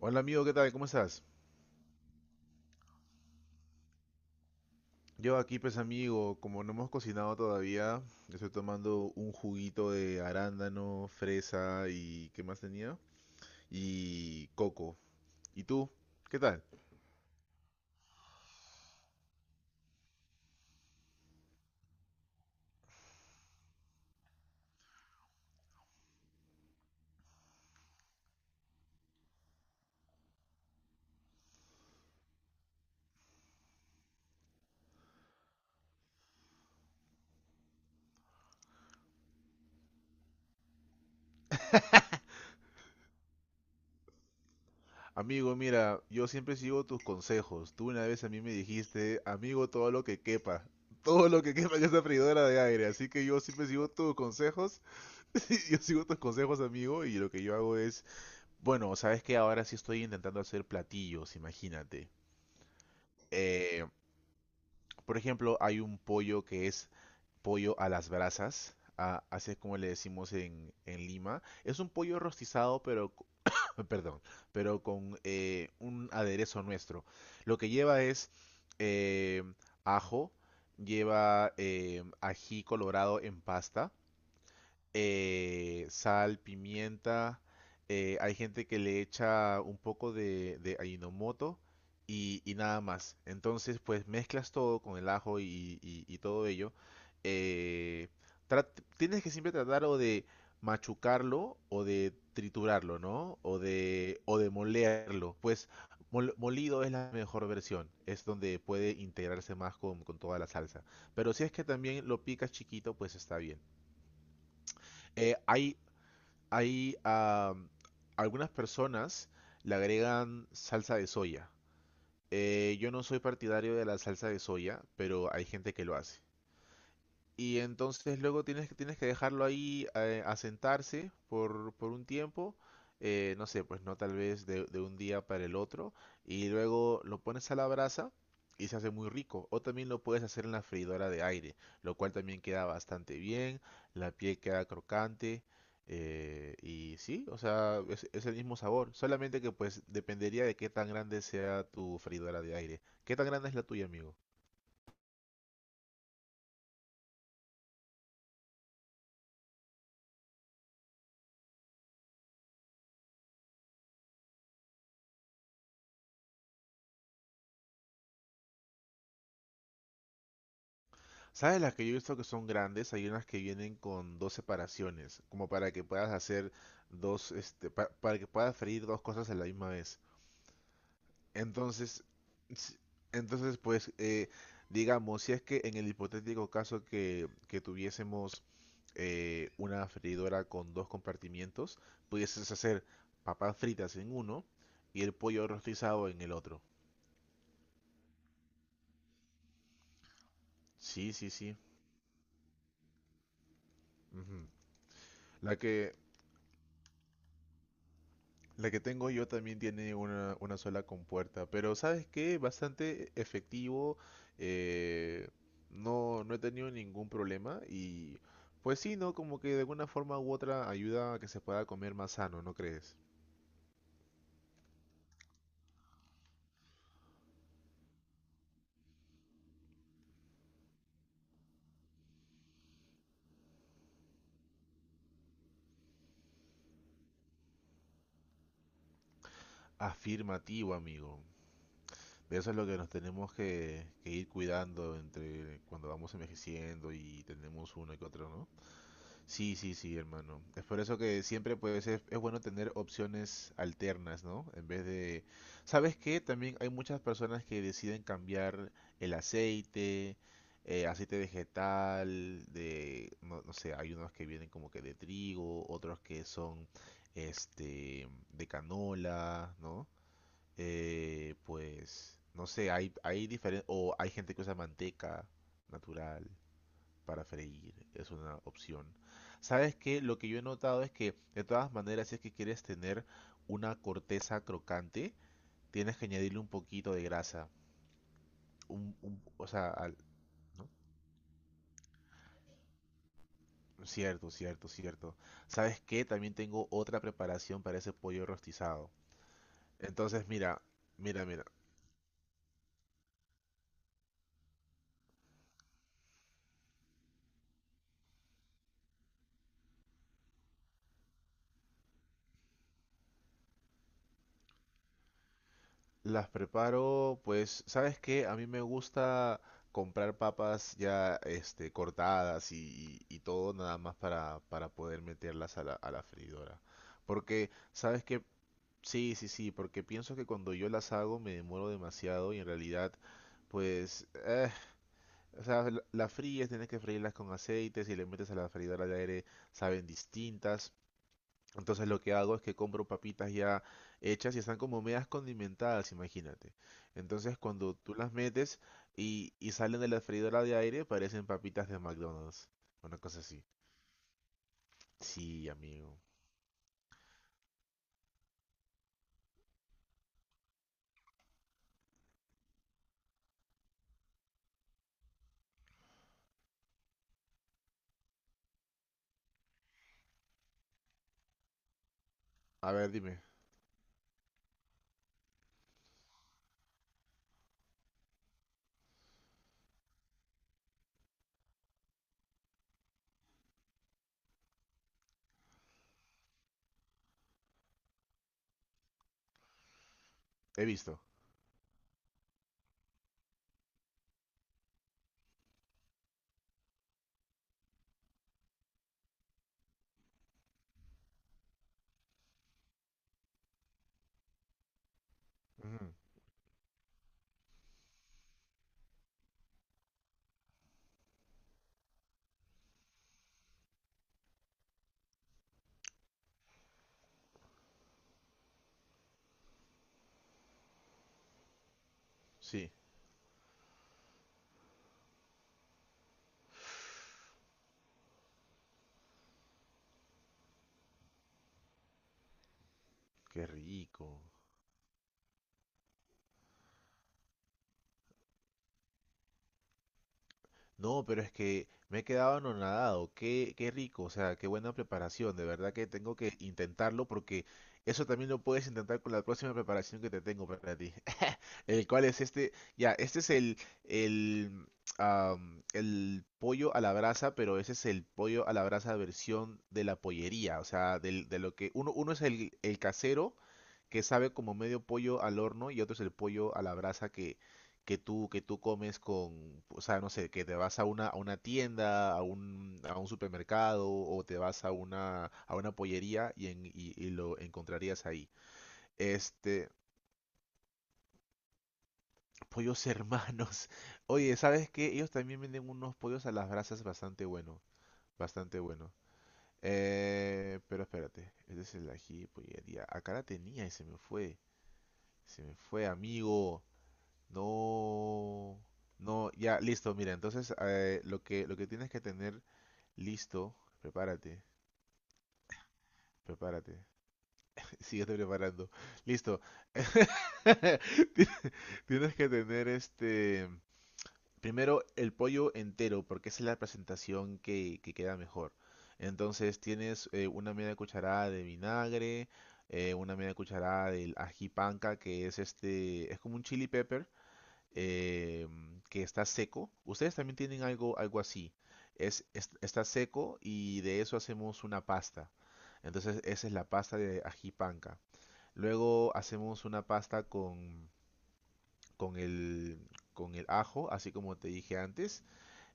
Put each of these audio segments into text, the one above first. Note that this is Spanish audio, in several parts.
Hola amigo, ¿qué tal? ¿Cómo estás? Yo aquí pues amigo, como no hemos cocinado todavía, estoy tomando un juguito de arándano, fresa y ¿qué más tenía? Y coco. ¿Y tú? ¿Qué tal? Amigo, mira, yo siempre sigo tus consejos. Tú una vez a mí me dijiste, amigo, todo lo que quepa. Todo lo que quepa en esta freidora de aire. Así que yo siempre sigo tus consejos. Yo sigo tus consejos, amigo, y lo que yo hago es... Bueno, sabes que ahora sí estoy intentando hacer platillos, imagínate. Eh, Por ejemplo, hay un pollo que es pollo a las brasas, así es como le decimos en Lima. Es un pollo rostizado, pero, perdón, pero con un aderezo nuestro. Lo que lleva es eh, ajo, lleva ají colorado en pasta, sal, pimienta. Hay gente que le echa un poco de Ajinomoto y nada más. Entonces, pues mezclas todo con el ajo y todo ello. eh, trat- Tienes que siempre tratar o de machucarlo o de triturarlo, ¿no? O de molerlo. Pues molido es la mejor versión. Es donde puede integrarse más con toda la salsa. Pero si es que también lo picas chiquito, pues está bien. Eh, hay, hay algunas personas le agregan salsa de soya. Yo no soy partidario de la salsa de soya, pero hay gente que lo hace. Y entonces luego tienes que dejarlo ahí asentarse por un tiempo, no sé, pues no tal vez de un día para el otro, y luego lo pones a la brasa y se hace muy rico. O también lo puedes hacer en la freidora de aire, lo cual también queda bastante bien, la piel queda crocante, y sí, o sea, es el mismo sabor, solamente que pues dependería de qué tan grande sea tu freidora de aire. ¿Qué tan grande es la tuya, amigo? ¿Sabes las que yo he visto que son grandes? Hay unas que vienen con dos separaciones, como para que puedas hacer dos, este, para que puedas freír dos cosas a la misma vez. Entonces, si- entonces pues, digamos, si es que en el hipotético caso que tuviésemos una freidora con dos compartimientos, pudieses hacer papas fritas en uno y el pollo rostizado en el otro. Sí, sí, sí. Ujú. La que, La que tengo yo también tiene una sola compuerta, pero ¿sabes qué? Bastante efectivo, eh, no, he tenido ningún problema y pues sí, ¿no? Como que de alguna forma u otra ayuda a que se pueda comer más sano, ¿no crees? Afirmativo, amigo. De eso es lo que nos tenemos que ir cuidando entre cuando vamos envejeciendo y tenemos uno y que otro, ¿no? Sí, sí, sí, hermano. Es por eso que siempre pues es bueno tener opciones alternas, ¿no? En vez de... ¿Sabes qué? También hay muchas personas que deciden cambiar el aceite, aceite vegetal, de... No, no sé, hay unos que vienen como que de trigo, otros que son este de canola, ¿no? Pues, no sé, hay diferentes... O hay gente que usa manteca natural para freír es una opción. Sabes que lo que yo he notado es que de todas maneras si es que quieres tener una corteza crocante, tienes que añadirle un poquito de grasa. O sea, ¿no? Cierto, cierto, cierto. ¿Sabes qué? También tengo otra preparación para ese pollo rostizado. Entonces, mira, mira, mira. Las preparo, pues, ¿sabes qué? A mí me gusta comprar papas ya este, cortadas y todo nada más para poder meterlas a la freidora. Porque, ¿sabes qué? Sí, sí, sí, porque pienso que cuando yo las hago me demoro demasiado y en realidad, pues, o sea, las fríes, tienes que freírlas con aceites y le metes a la freidora de aire, saben distintas. Entonces lo que hago es que compro papitas ya hechas y están como medias condimentadas, imagínate. Entonces cuando tú las metes y salen de la freidora de aire, parecen papitas de McDonald's. Una cosa así. Sí, amigo. A ver, dime. He visto. Ujú. Sí, qué rico. No, pero es que me he quedado anonadado. Qué rico, o sea, qué buena preparación. De verdad que tengo que intentarlo porque eso también lo puedes intentar con la próxima preparación que te tengo para ti. El cual es este, ya, este es el, el pollo a la brasa, pero ese es el pollo a la brasa versión de la pollería, o sea, de lo que uno, uno es el casero que sabe como medio pollo al horno y otro es el pollo a la brasa que tú comes con, o sea, no sé, que te vas a una, a una, tienda, a un supermercado o te vas a una pollería y lo encontrarías ahí. Este, Pollos hermanos. Oye, ¿sabes qué? Ellos también venden unos pollos a las brasas bastante bueno. Bastante bueno. Pero espérate. Este es el ají pollería. Acá la tenía y se me fue. Se me fue, amigo. No. No, ya, listo. Mira, entonces lo que tienes que tener listo. Prepárate. Prepárate. Síguete preparando. Listo. Tienes que tener este. Primero el pollo entero, porque esa es la presentación que queda mejor. Entonces tienes una media cucharada de vinagre, una media cucharada del ají panca, que es este, es como un chili pepper eh, que está seco. Ustedes también tienen algo así. Está seco y de eso hacemos una pasta. Entonces esa es la pasta de ají panca. Luego hacemos una pasta con el, con el ajo, así como te dije antes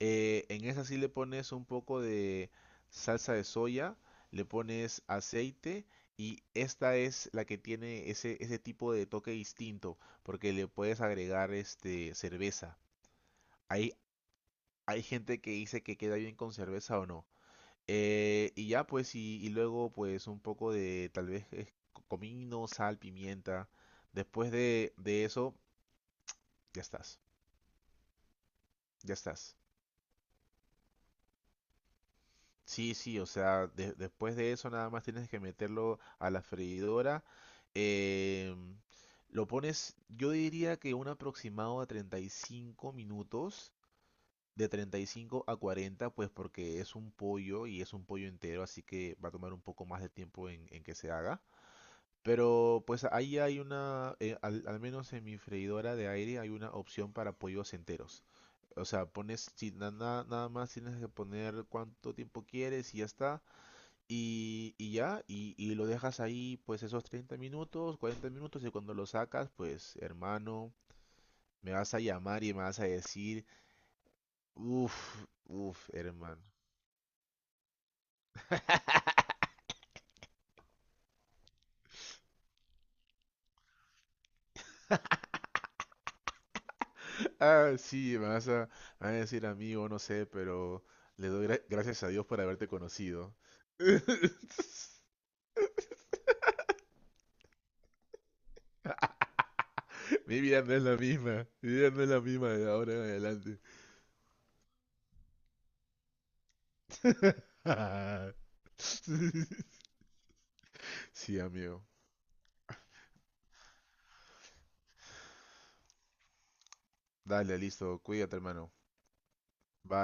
en esa sí le pones un poco de salsa de soya, le pones aceite y esta es la que tiene ese tipo de toque distinto porque le puedes agregar este cerveza. Hay, hay gente que dice que queda bien con cerveza o no. Y ya pues y luego pues un poco de tal vez comino, sal, pimienta. Después de eso ya estás, ya estás. Sí, sí, o sea, después de eso nada más tienes que meterlo a la freidora. em, lo pones, yo diría que un aproximado a 35 minutos, de 35 a 40, pues porque es un pollo y es un pollo entero, así que va a tomar un poco más de tiempo en que se haga. Pero pues ahí hay al menos en mi freidora de aire hay una opción para pollos enteros. O sea, pones, nada más tienes que poner cuánto tiempo quieres y ya está. Y ya, y lo dejas ahí pues esos 30 minutos, 40 minutos y cuando lo sacas, pues hermano, me vas a llamar y me vas a decir, uff, uff, hermano. Ah, sí, me vas a, decir amigo, no sé, pero le doy gracias a Dios por haberte conocido. Mi vida no es la misma, mi vida no es la misma de ahora en adelante. Sí, amigo. Dale, listo, cuídate, hermano. Bye.